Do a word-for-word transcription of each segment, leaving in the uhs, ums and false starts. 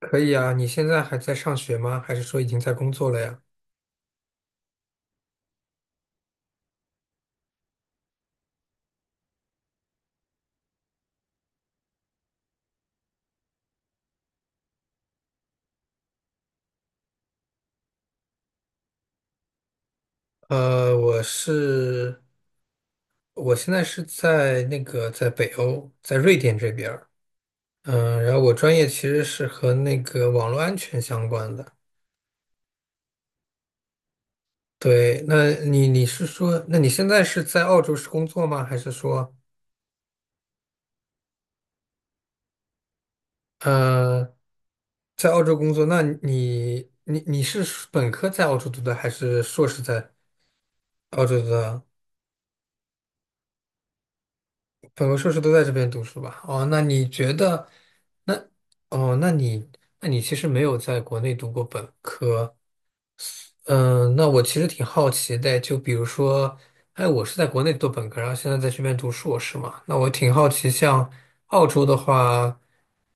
可以啊，你现在还在上学吗？还是说已经在工作了呀？呃，我是，我现在是在那个在北欧，在瑞典这边儿。嗯，然后我专业其实是和那个网络安全相关的。对，那你你是说，那你现在是在澳洲是工作吗？还是说，呃，在澳洲工作？那你你你是本科在澳洲读的，还是硕士在澳洲读的？本科硕士都在这边读书吧？哦，那你觉得，那哦，那你那你其实没有在国内读过本科，嗯，那我其实挺好奇的，就比如说，哎，我是在国内读本科，然后现在在这边读硕士嘛，那我挺好奇，像澳洲的话，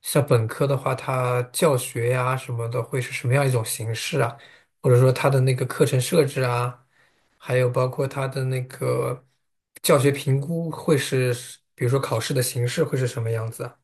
像本科的话，它教学呀什么的会是什么样一种形式啊？或者说它的那个课程设置啊，还有包括它的那个教学评估会是，比如说考试的形式会是什么样子啊？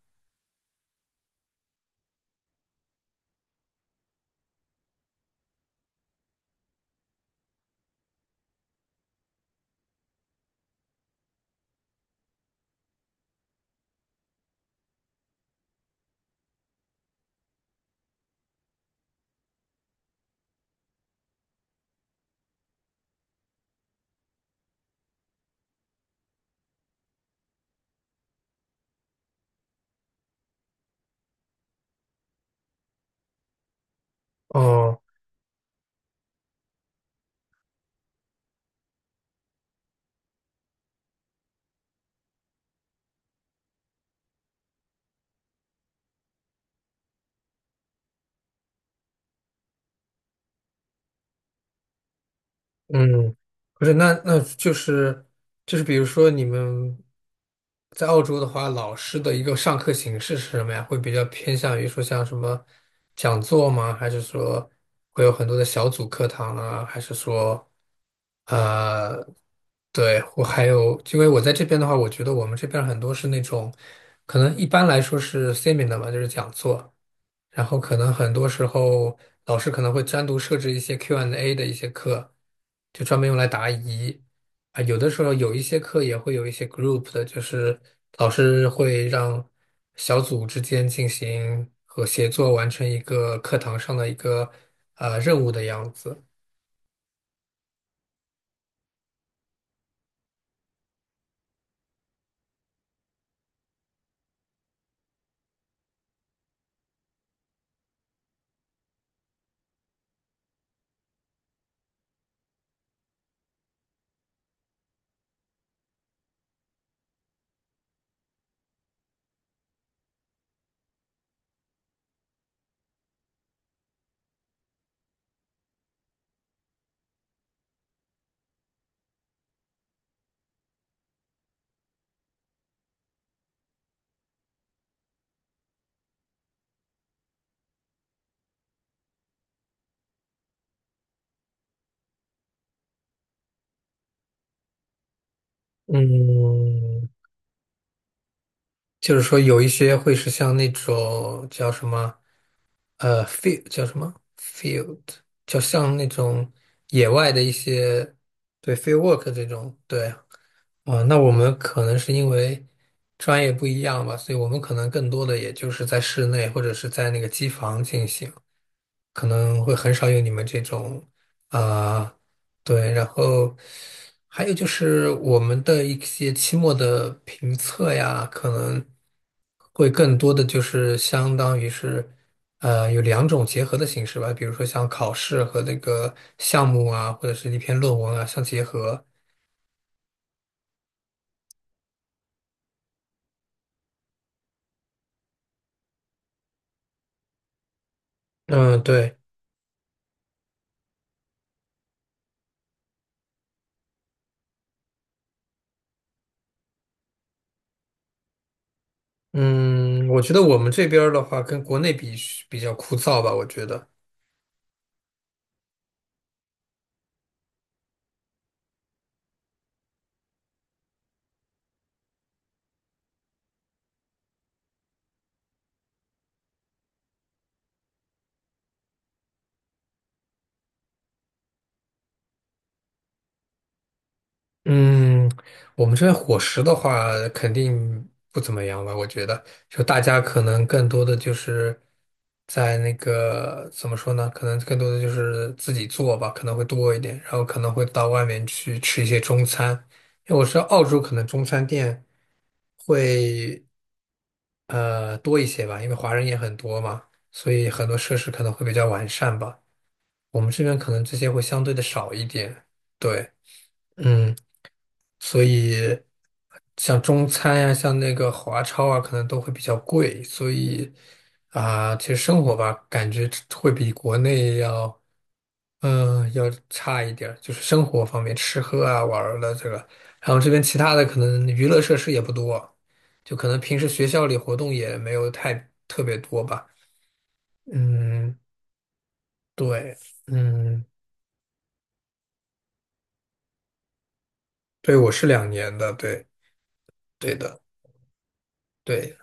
哦嗯，不是，那那就是就是，比如说你们在澳洲的话，老师的一个上课形式是什么呀？会比较偏向于说像什么讲座吗？还是说会有很多的小组课堂啊？还是说呃，对，我还有，因为我在这边的话，我觉得我们这边很多是那种可能一般来说是 seminar 嘛，就是讲座。然后可能很多时候老师可能会单独设置一些 Q and A 的一些课，就专门用来答疑。啊，有的时候有一些课也会有一些 group 的，就是老师会让小组之间进行和协作，完成一个课堂上的一个呃任务的样子。嗯，就是说有一些会是像那种叫什么，呃，field 叫什么 field，就像那种野外的一些，对 field work 这种，对，啊，那我们可能是因为专业不一样吧，所以我们可能更多的也就是在室内或者是在那个机房进行，可能会很少有你们这种，啊、对，然后还有就是我们的一些期末的评测呀，可能。会更多的就是相当于是，呃，有两种结合的形式吧，比如说像考试和那个项目啊，或者是一篇论文啊相结合。嗯，对，嗯，我觉得我们这边儿的话，跟国内比比较枯燥吧，我觉得。嗯，我们这边伙食的话，肯定不怎么样吧？我觉得，就大家可能更多的就是在那个怎么说呢？可能更多的就是自己做吧，可能会多一点，然后可能会到外面去吃一些中餐。因为我知道澳洲可能中餐店会呃多一些吧，因为华人也很多嘛，所以很多设施可能会比较完善吧。我们这边可能这些会相对的少一点。对，嗯。所以像中餐呀、像那个华超啊，可能都会比较贵，所以啊、其实生活吧，感觉会比国内要，嗯、呃要差一点儿，就是生活方面，吃喝啊、玩儿的这个，然后这边其他的可能娱乐设施也不多，就可能平时学校里活动也没有太特别多吧。嗯，对，嗯，对，我是两年的，对，对的，对，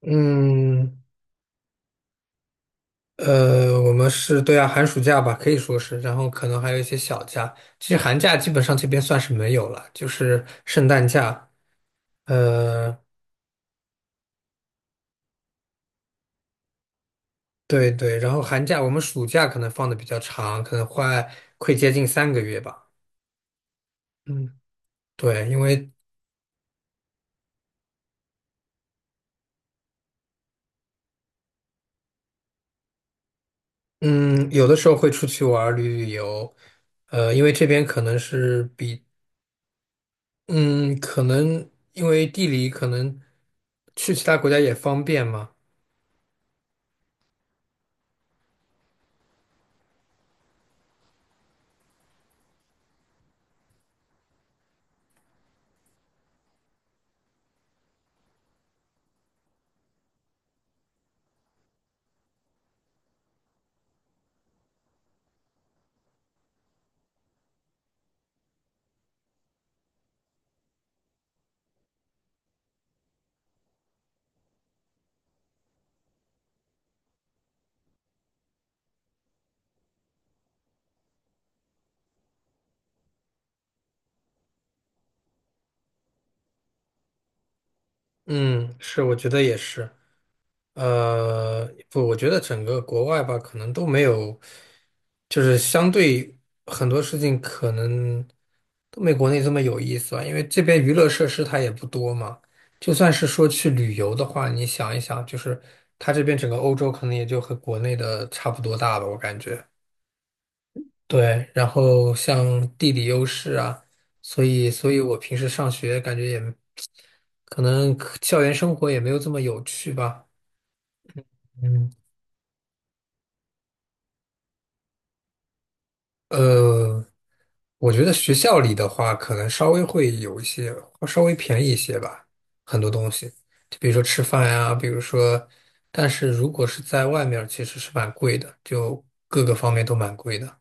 嗯。呃，我们是对啊，寒暑假吧，可以说是，然后可能还有一些小假。其实寒假基本上这边算是没有了，就是圣诞假。呃，对对，然后寒假我们暑假可能放的比较长，可能快快接近三个月吧。嗯，对，因为嗯，有的时候会出去玩儿旅旅游。呃，因为这边可能是比嗯，可能因为地理可能去其他国家也方便嘛。嗯，是，我觉得也是。呃，不，我觉得整个国外吧，可能都没有，就是相对很多事情可能都没国内这么有意思吧，因为这边娱乐设施它也不多嘛。就算是说去旅游的话，你想一想，就是它这边整个欧洲可能也就和国内的差不多大吧，我感觉。对，然后像地理优势啊，所以所以我平时上学感觉也可能校园生活也没有这么有趣吧。嗯，呃，我觉得学校里的话，可能稍微会有一些，稍微便宜一些吧，很多东西，就比如说吃饭呀，比如说，但是如果是在外面儿其实是蛮贵的，就各个方面都蛮贵的。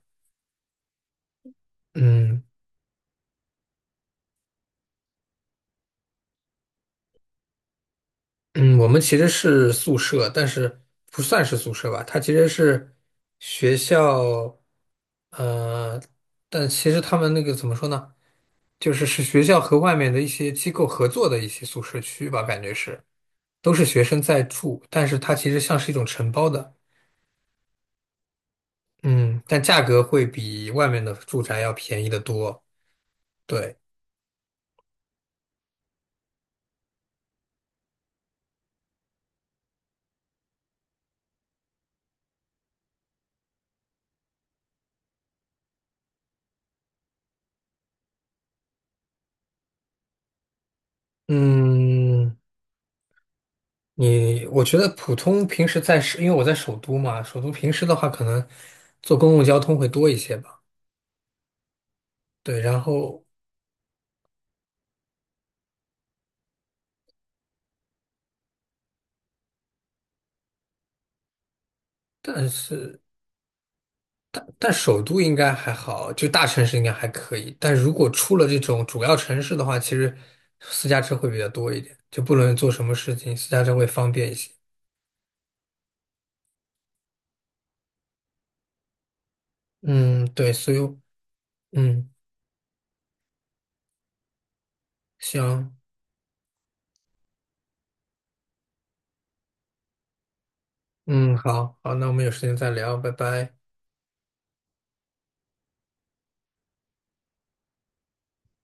嗯。嗯，我们其实是宿舍，但是不算是宿舍吧，它其实是学校，呃，但其实他们那个怎么说呢，就是是学校和外面的一些机构合作的一些宿舍区吧，感觉是都是学生在住，但是它其实像是一种承包的，嗯，但价格会比外面的住宅要便宜得多，对，嗯。你，我觉得普通平时在首，因为我在首都嘛，首都平时的话可能坐公共交通会多一些吧。对，然后但是但首都应该还好，就大城市应该还可以。但如果出了这种主要城市的话，其实私家车会比较多一点，就不论做什么事情，私家车会方便一些。嗯，对，所以我嗯，行，嗯，好好，那我们有时间再聊，拜拜。